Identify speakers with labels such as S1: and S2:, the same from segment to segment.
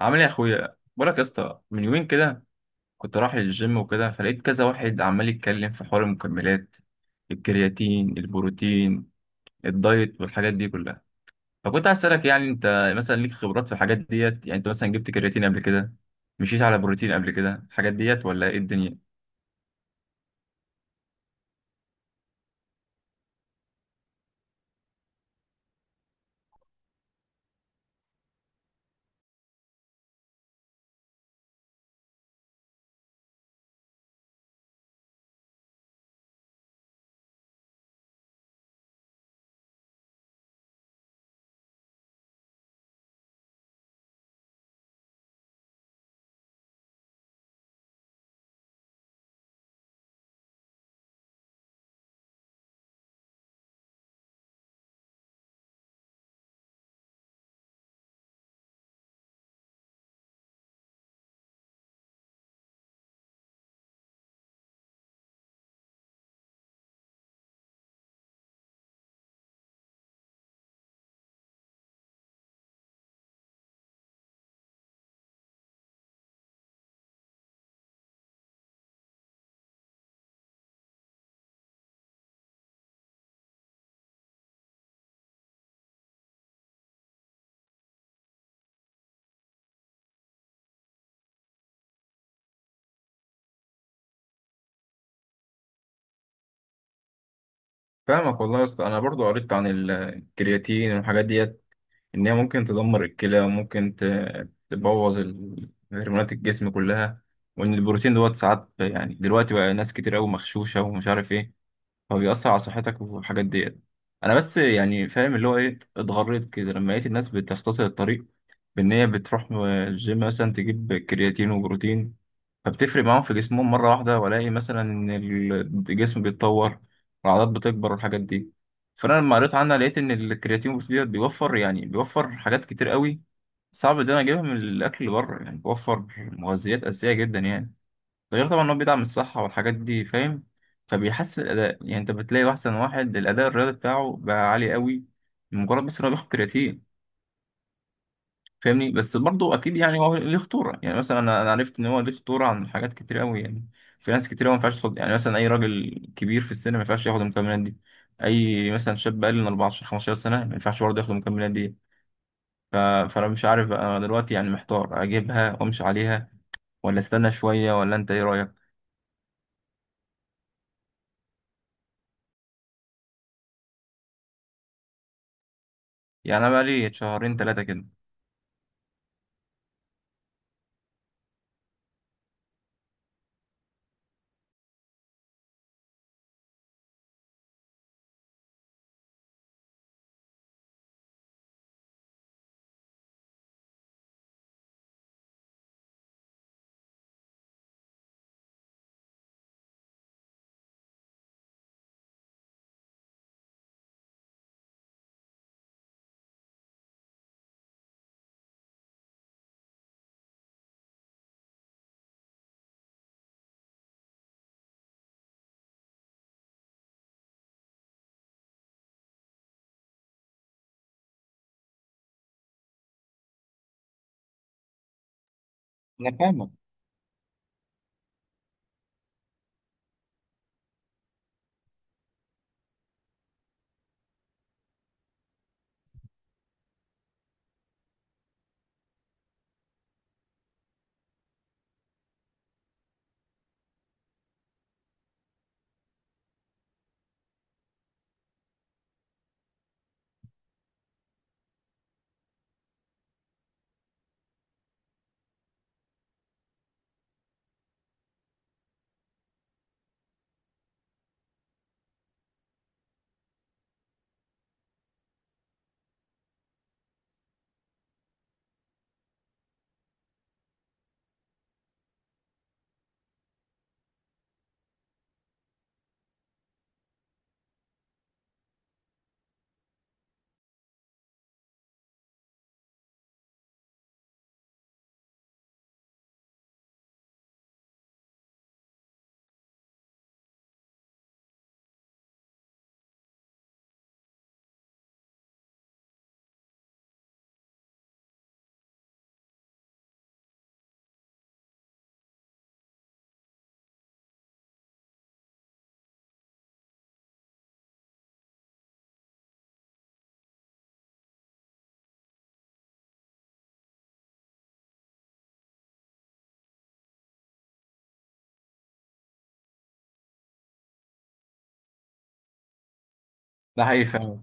S1: عامل ايه يا اخويا؟ بقولك يا اسطى، من يومين كده كنت رايح الجيم وكده، فلقيت كذا واحد عمال يتكلم في حوار المكملات، الكرياتين، البروتين، الدايت والحاجات دي كلها. فكنت عايز اسالك، يعني انت مثلا ليك خبرات في الحاجات ديت؟ يعني انت مثلا جبت كرياتين قبل كده؟ مشيت على بروتين قبل كده؟ الحاجات ديت ولا ايه الدنيا؟ فاهمك والله يا اسطى، انا برضو قريت عن الكرياتين والحاجات ديت، إن هي ممكن تدمر الكلى وممكن تبوظ هرمونات الجسم كلها، وإن البروتين دوت ساعات يعني دلوقتي بقى ناس كتير أوي مغشوشة ومش عارف إيه، فبيأثر على صحتك والحاجات ديت. أنا بس يعني فاهم اللي هو إيه، اتغريت كده لما لقيت الناس بتختصر الطريق، بإن هي بتروح الجيم مثلا تجيب كرياتين وبروتين، فبتفرق معاهم في جسمهم مرة واحدة، وألاقي مثلا إن الجسم بيتطور، العضلات بتكبر والحاجات دي. فأنا لما قريت عنها لقيت إن الكرياتين بروتين بيوفر، يعني بيوفر حاجات كتير قوي صعب إن أنا أجيبها من الأكل اللي بره، يعني بيوفر مغذيات أساسية جدا يعني. ده غير طبعا إن هو بيدعم الصحة والحاجات دي، فاهم؟ فبيحسن الأداء، يعني أنت بتلاقي أحسن واحد الأداء الرياضي بتاعه بقى عالي قوي مجرد بس إن هو بياخد كرياتين. فاهمني؟ بس برضه اكيد يعني هو ليه خطوره، يعني مثلا أنا عرفت ان هو ليه خطوره عن حاجات كتير قوي يعني. في ناس كتير قوي ما ينفعش تاخد، يعني مثلا اي راجل كبير في السن ما ينفعش ياخد المكملات دي، اي مثلا شاب اقل من 14 15 سنه ما ينفعش برضه ياخد المكملات دي. ف... فانا مش عارف انا دلوقتي، يعني محتار اجيبها وامشي عليها، ولا استنى شويه، ولا انت ايه رايك؟ يعني انا بقى لي شهرين ثلاثه كده. انا فاهمك. ده حقيقي فعلا.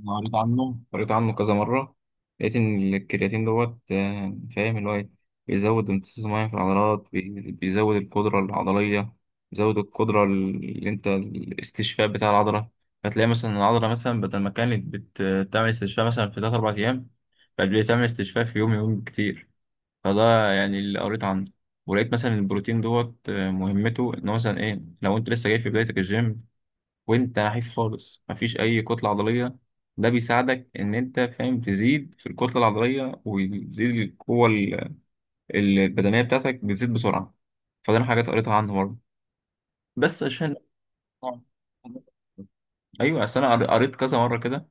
S1: أنا قريت عنه، كذا مرة، لقيت إن الكرياتين دوت آه، فاهم اللي هو إيه؟ بيزود امتصاص المياه في العضلات، بيزود القدرة العضلية، بيزود القدرة اللي أنت الاستشفاء بتاع العضلة. هتلاقي مثلا العضلة مثلا بدل ما كانت بتعمل استشفاء مثلا في تلات أربع أيام، بقت بتعمل استشفاء في يوم، يوم كتير. فده يعني اللي قريت عنه. ولقيت مثلا البروتين دوت آه، مهمته إن هو مثلا إيه، لو أنت لسه جاي في بدايتك الجيم وانت نحيف خالص مفيش اي كتله عضليه، ده بيساعدك ان انت، فاهم، تزيد في الكتله العضليه وتزيد القوه البدنيه بتاعتك بتزيد بسرعه. فده انا حاجات قريتها عنه برضه، بس عشان، ايوه، اصل انا قريت كذا مره كده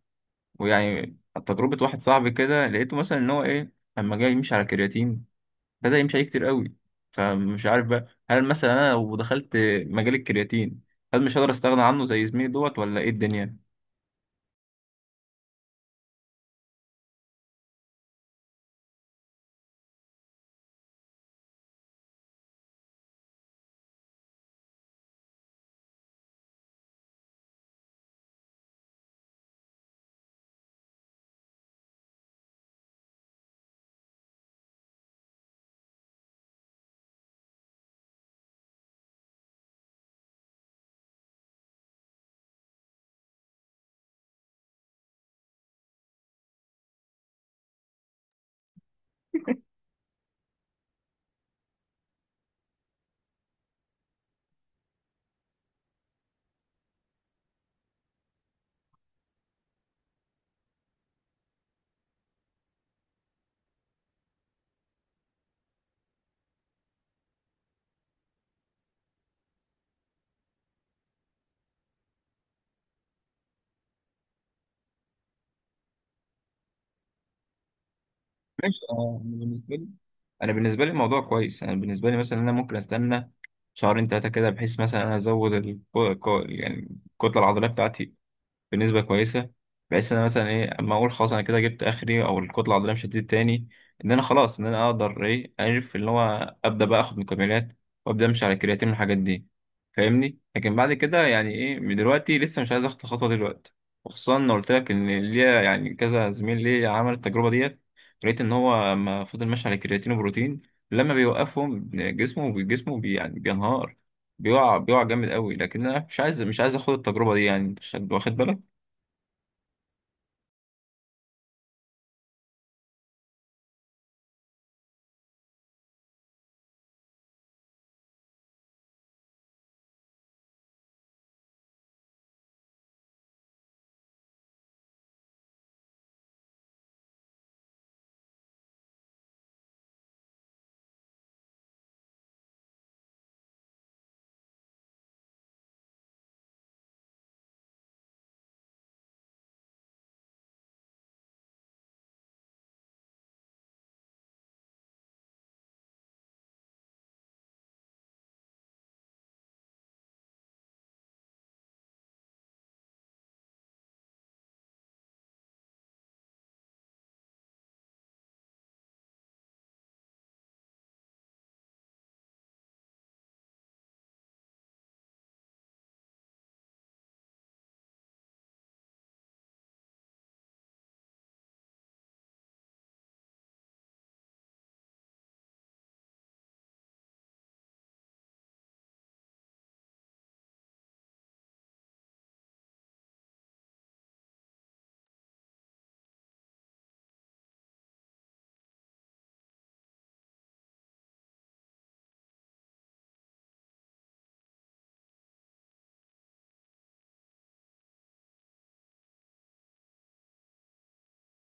S1: ويعني تجربه واحد صاحبي كده، لقيته مثلا ان هو ايه لما جاي يمشي على كرياتين، بدا يمشي عليه كتير قوي. فمش عارف بقى، هل مثلا انا لو دخلت مجال الكرياتين هل مش هقدر استغنى عنه زي زميلي دوت، ولا ايه الدنيا؟ ماشي آه، أنا بالنسبة لي الموضوع كويس. أنا بالنسبة لي مثلا أنا ممكن أستنى شهرين تلاتة كده، بحيث مثلا أنا أزود يعني الكتلة العضلية بتاعتي بنسبة كويسة، بحيث إن أنا مثلا إيه أما أقول خلاص أنا كده جبت آخري، أو الكتلة العضلية مش هتزيد تاني، إن أنا خلاص، إن أنا أقدر إيه أعرف إن هو أبدأ بقى آخد مكملات وأبدأ أمشي على الكرياتين والحاجات دي. فاهمني؟ لكن بعد كده يعني إيه، من دلوقتي لسه مش عايز آخد الخطوة دلوقتي، وخصوصا إن قلت لك إن ليا يعني كذا زميل ليا عمل التجربة ديت، لقيت إن هو لما فضل ماشي على الكرياتين وبروتين، لما بيوقفهم جسمه بي يعني بينهار، بيقع جامد قوي. لكن انا مش عايز اخد التجربه دي يعني، أنت واخد بالك؟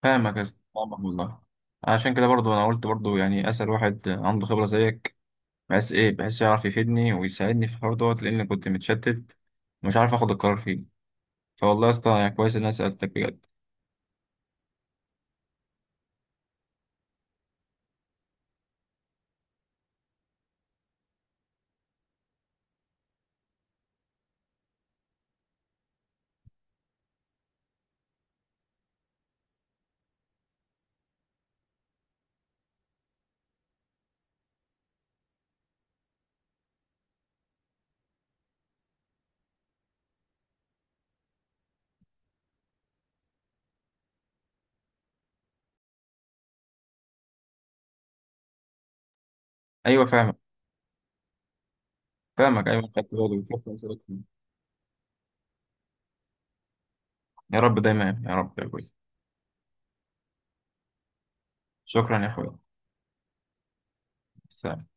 S1: فاهمك يا اسطى، فاهمك والله. عشان كده برضو انا قلت برضو يعني اسال واحد عنده خبره زيك، بحيث ايه، بحيث يعرف يفيدني ويساعدني في الحوار دوت، لان كنت متشتت ومش عارف اخد القرار فيه. فوالله يا اسطى يعني كويس ان انا سالتك بجد. ايوه فاهمك، فاهمك، ايوه خدت بالي، وشكراً لسألتني. يا رب دايما، يا رب يا ابوي. شكرا يا اخويا. سلام.